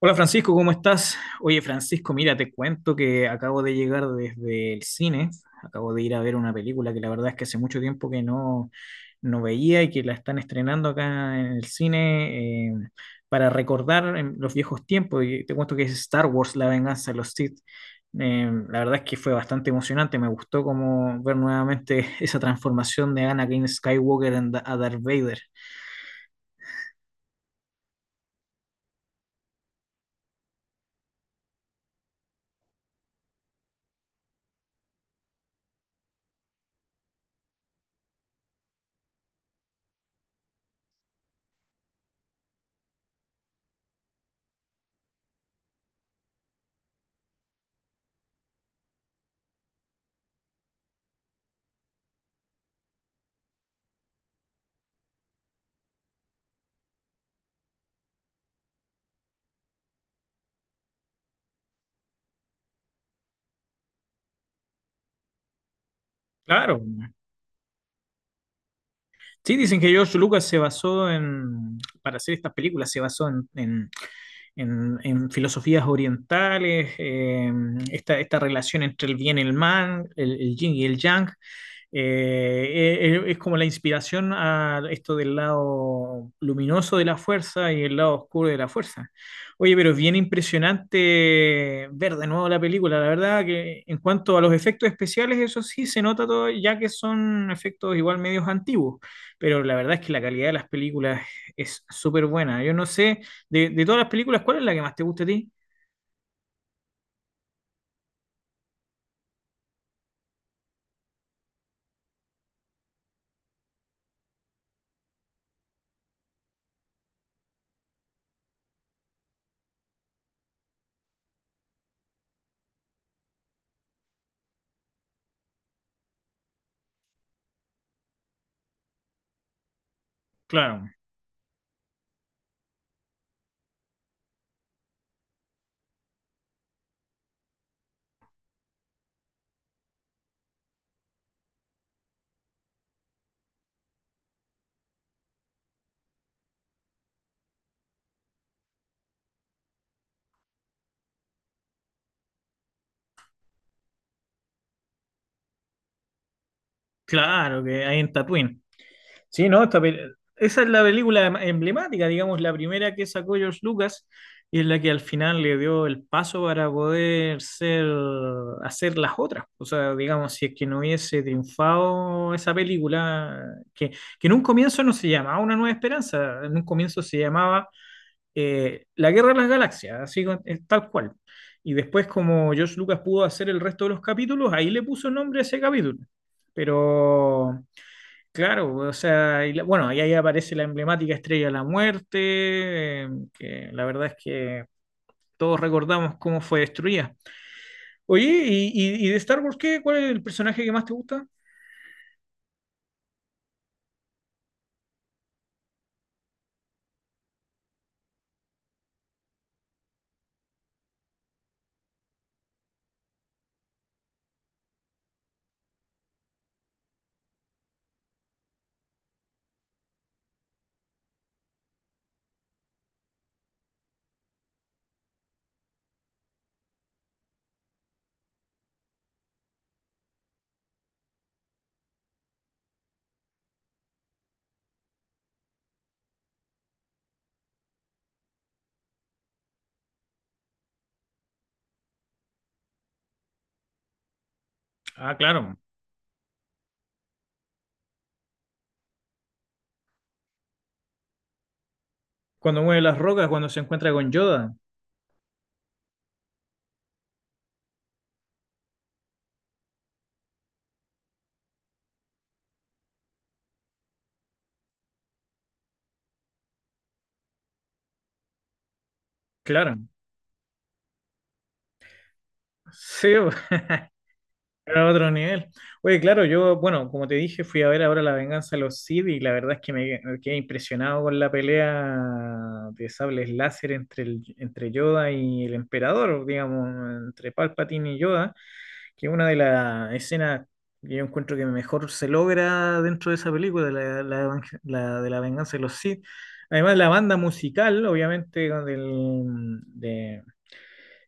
Hola Francisco, ¿cómo estás? Oye Francisco, mira, te cuento que acabo de llegar desde el cine, acabo de ir a ver una película que la verdad es que hace mucho tiempo que no veía y que la están estrenando acá en el cine para recordar en los viejos tiempos. Y te cuento que es Star Wars, La venganza de los Sith. La verdad es que fue bastante emocionante, me gustó como ver nuevamente esa transformación de Anakin Skywalker en a Darth Vader. Claro. Sí, dicen que George Lucas se basó para hacer estas películas, se basó en filosofías orientales, esta relación entre el bien y el mal, el yin y el yang. Es como la inspiración a esto del lado luminoso de la fuerza y el lado oscuro de la fuerza. Oye, pero es bien impresionante ver de nuevo la película. La verdad que en cuanto a los efectos especiales, eso sí se nota todo, ya que son efectos igual medios antiguos, pero la verdad es que la calidad de las películas es súper buena. Yo no sé, de todas las películas, ¿cuál es la que más te gusta a ti? Claro. Claro, que ahí en Tatooine. Sí, no, esa es la película emblemática, digamos, la primera que sacó George Lucas y es la que al final le dio el paso para poder hacer las otras. O sea, digamos, si es que no hubiese triunfado esa película, que, que en un comienzo no se llamaba Una Nueva Esperanza, en un comienzo se llamaba la Guerra de las Galaxias, así es tal cual. Y después, como George Lucas pudo hacer el resto de los capítulos, ahí le puso nombre a ese capítulo. Pero, claro, o sea, bueno, y ahí aparece la emblemática Estrella de la Muerte, que la verdad es que todos recordamos cómo fue destruida. Oye, y de Star Wars qué? ¿Cuál es el personaje que más te gusta? Ah, claro, cuando mueve las rocas, cuando se encuentra con Yoda. Claro. Sí. Era otro nivel. Oye, claro, yo, bueno, como te dije, fui a ver ahora La Venganza de los Sith y la verdad es que me quedé impresionado con la pelea de sables láser entre Yoda y el Emperador, digamos, entre Palpatine y Yoda, que es una de las escenas que yo encuentro que mejor se logra dentro de esa película, la de La Venganza de los Sith. Además, la banda musical, obviamente,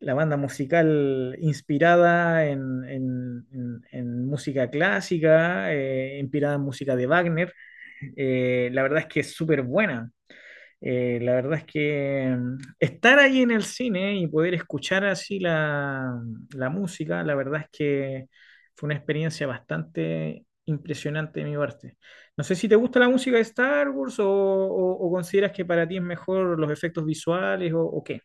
la banda musical inspirada en música clásica, inspirada en música de Wagner. La verdad es que es súper buena. La verdad es que estar ahí en el cine y poder escuchar así la música, la verdad es que fue una experiencia bastante impresionante de mi parte. No sé si te gusta la música de Star Wars o consideras que para ti es mejor los efectos visuales o qué.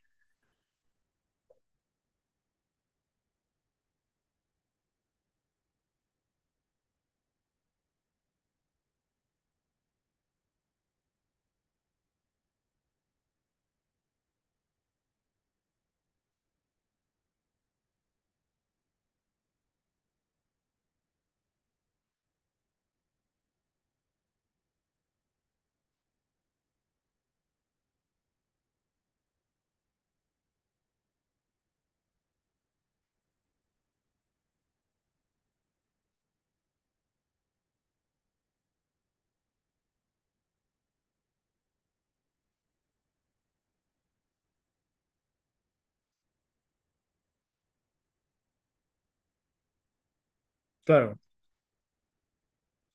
Claro.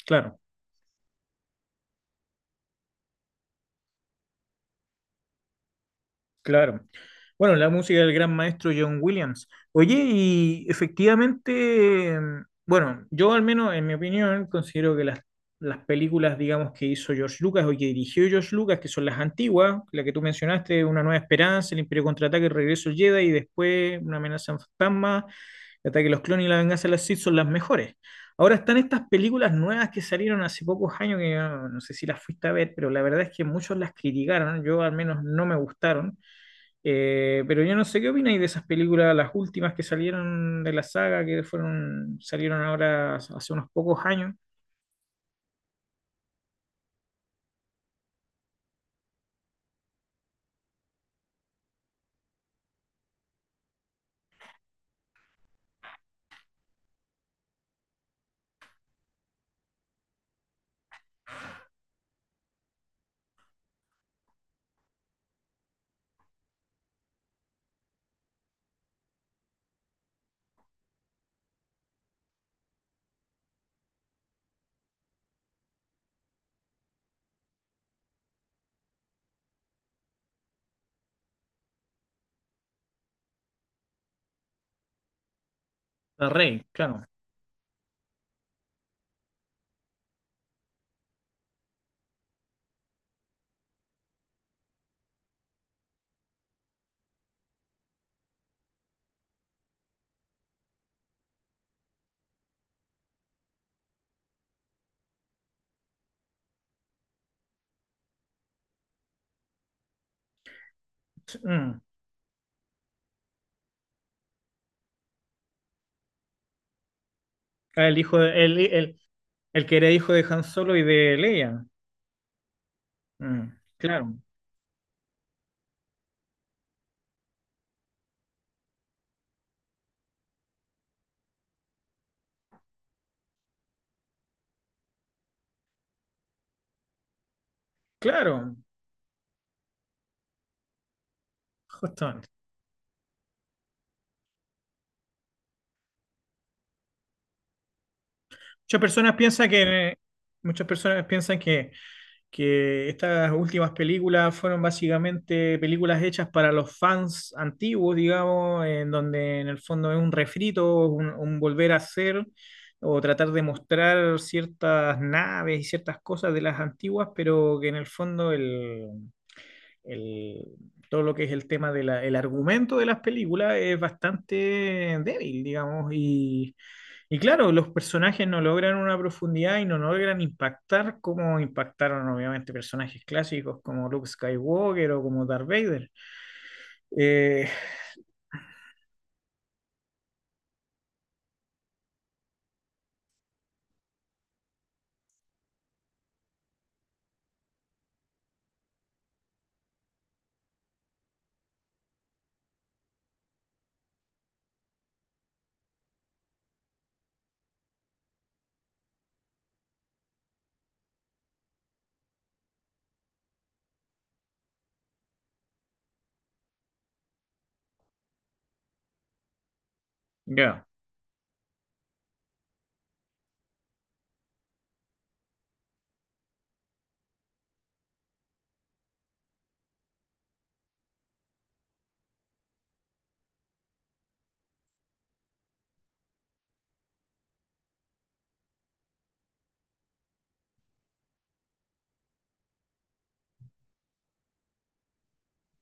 Claro. Claro. Bueno, la música del gran maestro John Williams. Oye, y efectivamente, bueno, yo al menos en mi opinión considero que las películas, digamos, que hizo George Lucas o que dirigió George Lucas, que son las antiguas, la que tú mencionaste, Una Nueva Esperanza, El Imperio Contraataca, El Regreso del Jedi y después Una Amenaza Fantasma, El Ataque de los Clones y La Venganza de las Sith son las mejores. Ahora están estas películas nuevas que salieron hace pocos años, que ah, no sé si las fuiste a ver, pero la verdad es que muchos las criticaron, yo al menos no me gustaron, pero yo no sé qué opináis de esas películas, las últimas que salieron de la saga, que fueron, salieron ahora hace unos pocos años. El rey, claro. Mm. Ah, el que era hijo de Han Solo y de Leia. Mm, claro, claro, justamente. Muchas personas piensan que Muchas personas piensan que estas últimas películas fueron básicamente películas hechas para los fans antiguos, digamos, en donde en el fondo es un refrito, un volver a hacer o tratar de mostrar ciertas naves y ciertas cosas de las antiguas, pero que en el fondo el- todo lo que es el tema del argumento de las películas es bastante débil, digamos, y claro, los personajes no logran una profundidad y no logran impactar como impactaron obviamente personajes clásicos como Luke Skywalker o como Darth Vader. Eh, ya,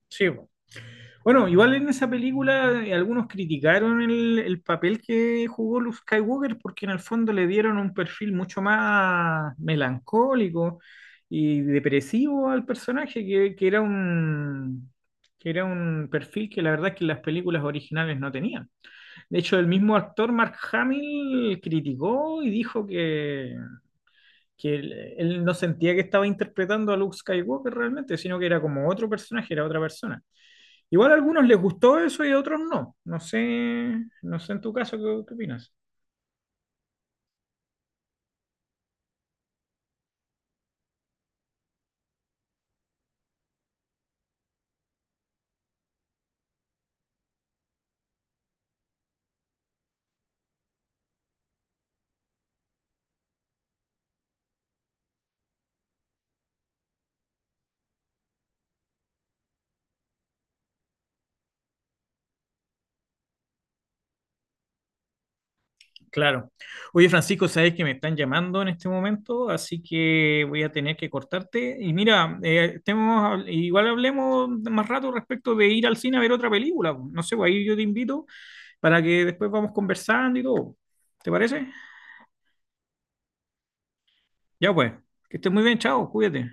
sí, po. Bueno, igual en esa película algunos criticaron el papel que jugó Luke Skywalker porque en el fondo le dieron un perfil mucho más melancólico y depresivo al personaje, que era un perfil que la verdad es que las películas originales no tenían. De hecho, el mismo actor Mark Hamill criticó y dijo que él no sentía que estaba interpretando a Luke Skywalker realmente, sino que era como otro personaje, era otra persona. Igual a algunos les gustó eso y a otros no. No sé, no sé en tu caso qué opinas. Claro. Oye, Francisco, sabes que me están llamando en este momento, así que voy a tener que cortarte. Y mira, igual hablemos más rato respecto de ir al cine a ver otra película. No sé, pues ahí yo te invito para que después vamos conversando y todo. ¿Te parece? Ya pues, que estés muy bien, chao, cuídate.